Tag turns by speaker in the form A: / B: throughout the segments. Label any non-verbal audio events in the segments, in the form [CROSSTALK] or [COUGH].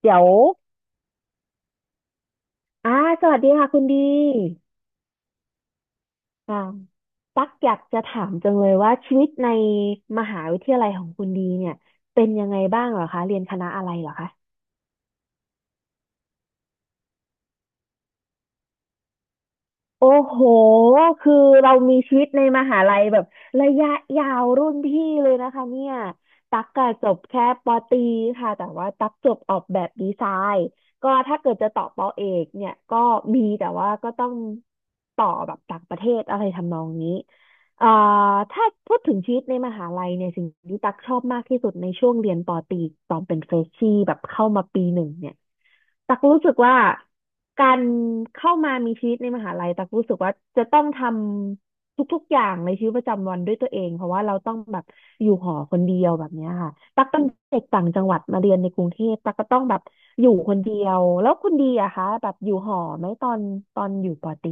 A: เดี๋ยวอ่าสวัสดีค่ะคุณดีอ่าตักอยากจะถามจังเลยว่าชีวิตในมหาวิทยาลัยของคุณดีเนี่ยเป็นยังไงบ้างเหรอคะเรียนคณะอะไรเหรอคะ โอ้โห คือเรามีชีวิตในมหาลัยแบบระยะยาวรุ่นพี่เลยนะคะเนี่ยตักกอะจบแค่ปอตรีค่ะแต่ว่าตักจบออกแบบดีไซน์ ก็ถ้าเกิดจะต่อปอเอกเนี่ย ก็มีแต่ว่าก็ต้องต่อแบบต่างประเทศอะไรทำนองนี้เอ่อถ้าพูดถึงชีวิตในมหาลัยเนี่ยสิ่งที่ตักชอบมากที่สุดในช่วงเรียนปอตรีตอนเป็นเฟรชชี่แบบเข้ามาปีหนึ่งเนี่ยตักรู้สึกว่า การเข้ามามีชีวิตในมหาลัยตักรู้สึกว่าจะต้องทำทุกๆอย่างในชีวิตประจำวันด้วยตัวเองเพราะว่าเราต้องแบบอยู่หอคนเดียวแบบเนี้ยค่ะตักเป็นเด็กต่างจังหวัดมาเรียนในกรุงเทพตักก็ต้องแบบอยู่คนเดียวแล้วคุณดีอะคะแบบอยู่หอไหมตอนตอนอยู่ปอตรี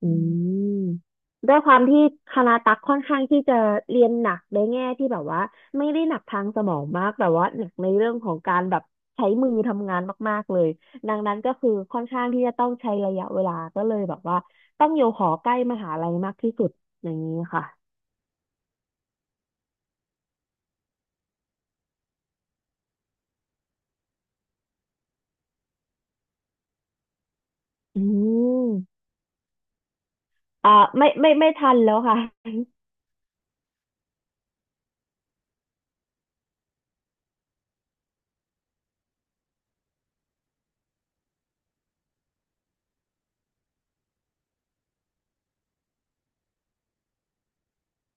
A: อืมด้วยความที่คณะตักค่อนข้างที่จะเรียนหนักในแง่ที่แบบว่าไม่ได้หนักทางสมองมากแต่ว่าหนักในเรื่องของการแบบใช้มือทำงานมากๆเลยดังนั้นก็คือค่อนข้างที่จะต้องใช้ระยะเวลาก็เลยแบบว่าต้องอยู่หอใกล้มหาลัยมากที่สุดอย่างนี้ค่ะอืมอ่าไม่ทันแล้วค่ะ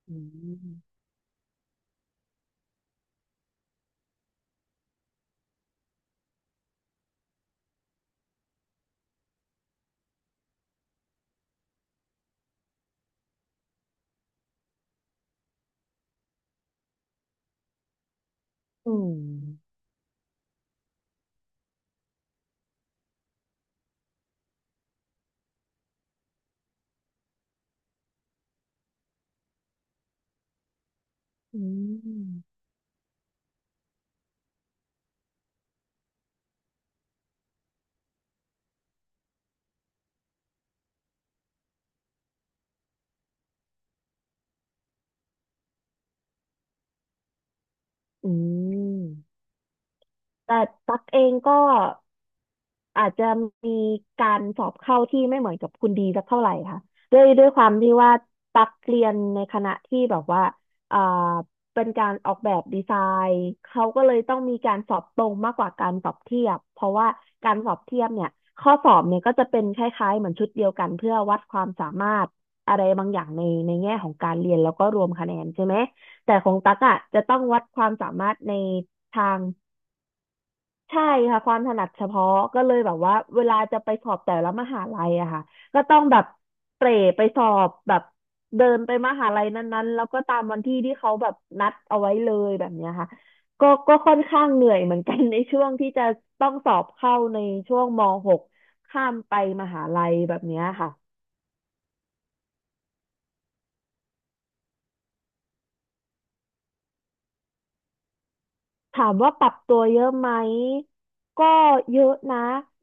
A: อืมอืมอืมอืม แต่ตักเองก็อาจจะมีการสอบเข้าที่ไม่เหมือนกับคุณดีสักเท่าไหร่ค่ะด้วยความที่ว่าตักเรียนในคณะที่แบบว่าอ่าเป็นการออกแบบดีไซน์เขาก็เลยต้องมีการสอบตรงมากกว่าการสอบเทียบเพราะว่าการสอบเทียบเนี่ยข้อสอบเนี่ยก็จะเป็นคล้ายๆเหมือนชุดเดียวกันเพื่อวัดความสามารถอะไรบางอย่างในในแง่ของการเรียนแล้วก็รวมคะแนนใช่ไหมแต่ของตั๊กอ่ะจะต้องวัดความสามารถในทาง ใช่ค่ะความถนัดเฉพาะก็เลยแบบว่าเวลาจะไปสอบแต่ละมหาลัยอะค่ะก็ต้องแบบเตร่ไปสอบแบบเดินไปมหาลัยนั้นๆแล้วก็ตามวันที่ที่เขาแบบนัดเอาไว้เลยแบบเนี้ยค่ะก็ก็ค่อนข้างเหนื่อยเหมือนกัน [LAUGHS] ในช่วงที่จะต้องสอบเข้าในช่วงม .6 ข้ามไปมหาลัยแบบเนี้ยค่ะ ถามว่าปรับตัวเยอะไหม ก็เยอะนะ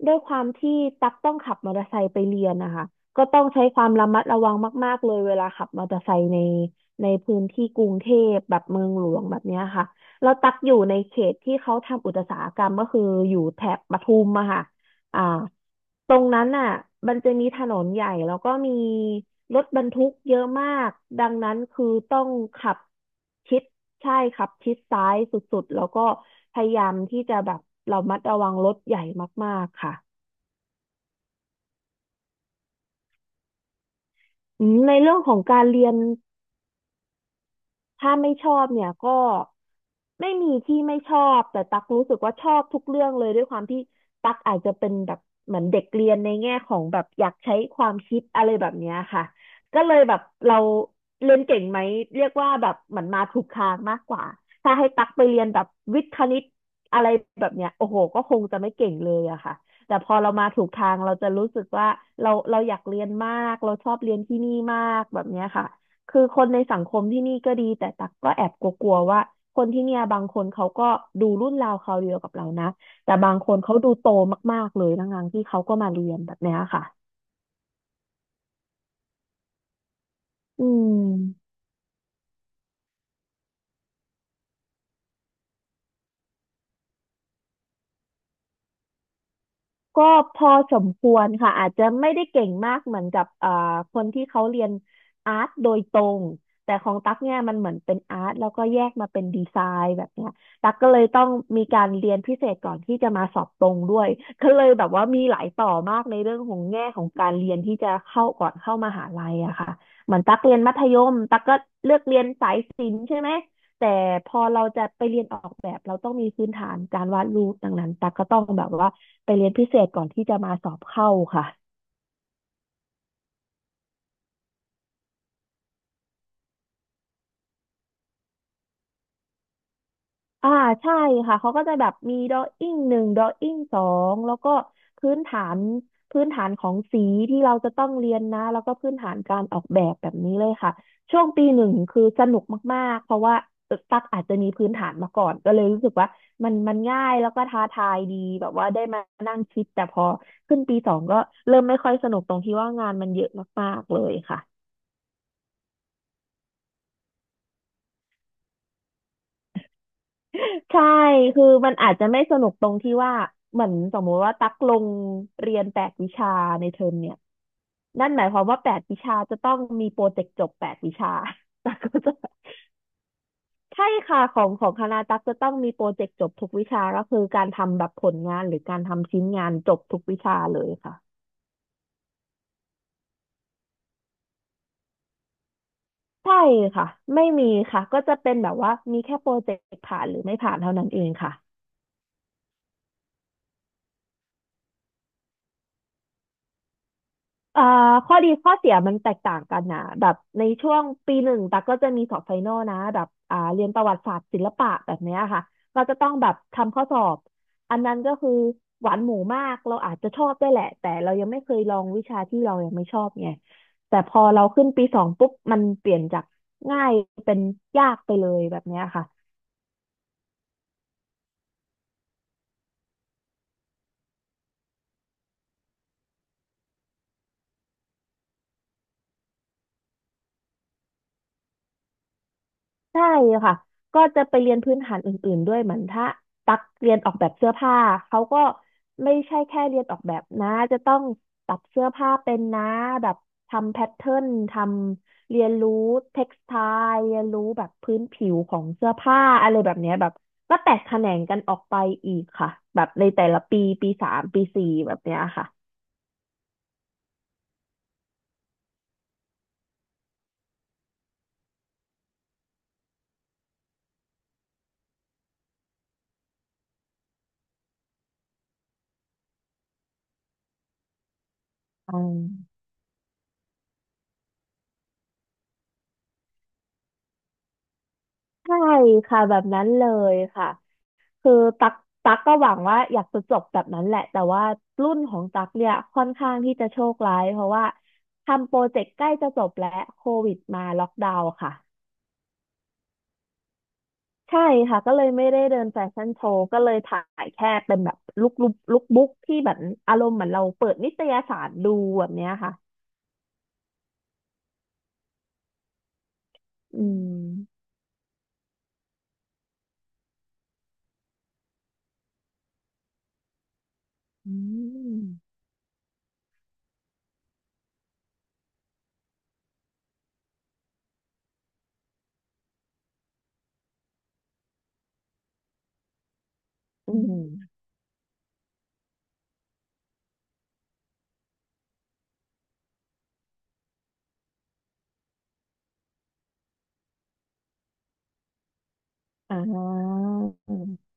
A: ด้วยความที่ตักต้องขับมอเตอร์ไซค์ไปเรียนนะคะ ก็ต้องใช้ความระมัดระวังมากๆเลยเวลาขับมอเตอร์ไซค์ในในพื้นที่กรุงเทพแบบเมืองหลวงแบบเนี้ยค่ะแล้วตักอยู่ในเขตที่เขาทำอุตสาหกรรมก็คืออยู่แถบปทุมอะค่ะอ่า ตรงนั้นอ่ะมันจะมีถนนใหญ่แล้วก็มีรถบรรทุกเยอะมาก ดังนั้นคือต้องขับชิดใช่ขับชิดซ้ายสุดๆแล้วก็พยายามที่จะแบบระมัดระวังรถใหญ่มากๆค่ะอืมในเรื่องของการเรียน ถ้าไม่ชอบเนี่ยก็ไม่มีที่ไม่ชอบแต่ตักรู้สึกว่าชอบทุกเรื่องเลยด้วยความที่ตักอาจจะเป็นแบบเหมือนเด็กเรียนในแง่ของแบบอยากใช้ความคิดอะไรแบบเนี้ยค่ะก็เลยแบบเราเรียนเก่งไหมเรียกว่าแบบเหมือนมาถูกทางมากกว่าถ้าให้ตักไปเรียนแบบวิทย์คณิตอะไรแบบเนี้ยโอ้โหก็คงจะไม่เก่งเลยอะค่ะแต่พอเรามาถูกทางเราจะรู้สึกว่าเราอยากเรียนมากเราชอบเรียนที่นี่มากแบบเนี้ยค่ะ คือคนในสังคมที่นี่ก็ดีแต่ตักก็แอบกลัวๆว่าคนที่เนี่ยบางคนเขาก็ดูรุ่นราวคราวเดียวกับเรานะแต่บางคนเขาดูโตมากๆเลยทั้งๆที่เขาก็มาเรียนแบบเนี้ยค่ะอืม ก็พอสมควรค่ะอาจจะไม่ได้เก่งมากเหมือนกับคนที่เขาเรียนอาร์ตโดยตรงแต่ของตั๊กเนี่ยมันเหมือนเป็นอาร์ตแล้วก็แยกมาเป็นดีไซน์แบบเนี้ยตั๊กก็เลยต้องมีการเรียนพิเศษก่อนที่จะมาสอบตรงด้วยก็เลยแบบว่ามีหลายต่อมากในเรื่องของแง่ของการเรียนที่จะเข้าก่อนเข้ามหาลัยอะค่ะเหมือนตั๊กเรียนมัธยมตั๊กก็เลือกเรียนสายศิลป์ใช่ไหม แต่พอเราจะไปเรียนออกแบบเราต้องมีพื้นฐานการวาดรูปดังนั้นตั๊กก็ต้องแบบว่าไปเรียนพิเศษก่อนที่จะมาสอบเข้าค่ะ อ่าใช่ค่ะเขาก็จะแบบมีดออิ่งหนึ่งดออิ่งสองแล้วก็พื้นฐานพื้นฐานของสีที่เราจะต้องเรียนนะแล้วก็พื้นฐานการออกแบบแบบนี้เลยค่ะช่วงปีหนึ่งคือสนุกมากๆเพราะว่าตักอาจจะมีพื้นฐานมาก่อนก็เลยรู้สึกว่ามันง่ายแล้วก็ท้าทายดีแบบว่าได้มานั่งคิดแต่พอขึ้นปีสองก็เริ่มไม่ค่อยสนุกตรงที่ว่างานมันเยอะมากๆเลยค่ะ [LAUGHS] ใช่คือมันอาจจะไม่สนุกตรงที่ว่า เหมือนสมมติว่าตักลงเรียนแปดวิชาในเทอมเนี่ยนั่นหมายความว่าแปดวิชาจะต้องมีโปรเจกต์จบแปดวิชา [LAUGHS] ตักก็จะ ใช่ค่ะของคณะตักจะต้องมีโปรเจกต์จบทุกวิชาก็คือการทำแบบผลงานหรือการทำชิ้นงานจบทุกวิชาเลยค่ะ ใช่ค่ะ ไม่มีค่ะก็จะเป็นแบบว่ามีแค่โปรเจกต์ผ่านหรือไม่ผ่านเท่านั้นเองค่ะ เอ่อข้อดีข้อเสียมันแตกต่างกันนะแบบในช่วงปีหนึ่งตักก็จะมีสอบไฟนอลนะแบบเรียนประวัติศาสตร์ศิลปะแบบเนี้ยค่ะก็จะต้องแบบทำข้อสอบอันนั้นก็คือหวานหมูมากเราอาจจะชอบได้วยแหละแต่เรายังไม่เคยลองวิชาที่เรายังไม่ชอบไงแต่พอเราขึ้นปีสองปุ๊บมันเปลี่ยนจากง่ายเป็นยากไปเลยแบบเนี้ยค่ะ ใช่ค่ะก็จะไปเรียนพื้นฐานอื่นๆด้วยเหมือนถ้าตักเรียนออกแบบเสื้อผ้าเขาก็ไม่ใช่แค่เรียนออกแบบนะจะต้องตัดเสื้อผ้าเป็นนะแบบทำแพทเทิร์นทำเรียนรู้เท็กซ์ไทล์เรียนรู้แบบพื้นผิวของเสื้อผ้าอะไรแบบเนี้ยแบบก็แตกแขนงกันออกไปอีกค่ะแบบในแต่ละปีปีสามปีสี่แบบเนี้ยค่ะอืมใช่ค่ะแบบนั้นเลยค่ะ คือตักตักก็หวังว่าอยากจะจบแบบนั้นแหละแต่ว่ารุ่นของตักเนี่ยค่อนข้างที่จะโชคร้ายเพราะว่าทำโปรเจกต์ใกล้จะจบแล้วโควิดมาล็อกดาวน์ค่ะใช่ค่ะก็เลยไม่ได้เดินแฟชั่นโชว์ก็เลยถ่ายแค่เป็นแบบลุคบุ๊กที่แบบอารมณ์เหมือนเราเปิดนิตยสารดูแบบเนี้ยค่ะอืมอืมอืมอ่าอื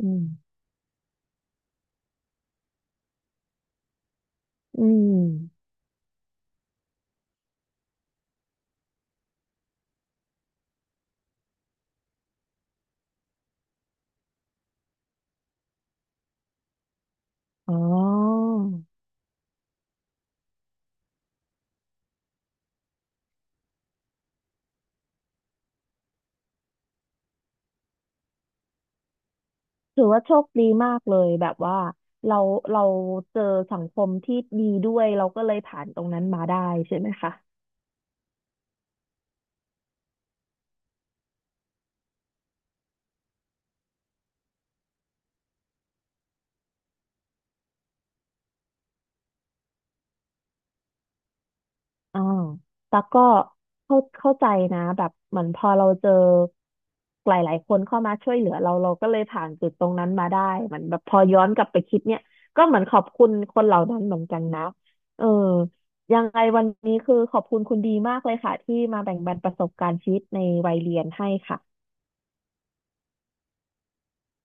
A: มอืมอ๋อ ถือว่าโชคดีมากเลยแบบว่าเราเราเจอสังคมที่ดีด้วยเราก็เลยผ่านตรงนั้นมาได้ใช่ไหมคะอ่าแต่ก็เข้าใจนะแบบเหมือนพอเราเจอหลายๆคนเข้ามาช่วยเหลือเราเราก็เลยผ่านจุดตรงนั้นมาได้เหมือนแบบพอย้อนกลับไปคิดเนี่ยก็เหมือนขอบคุณคนเหล่านั้นเหมือนกันนะเออยังไงวันนี้คือขอบคุณคุณดีมากเลยค่ะที่มาแบ่งปันประสบการณ์ชีวิตในวัยเรียนให้ค่ะ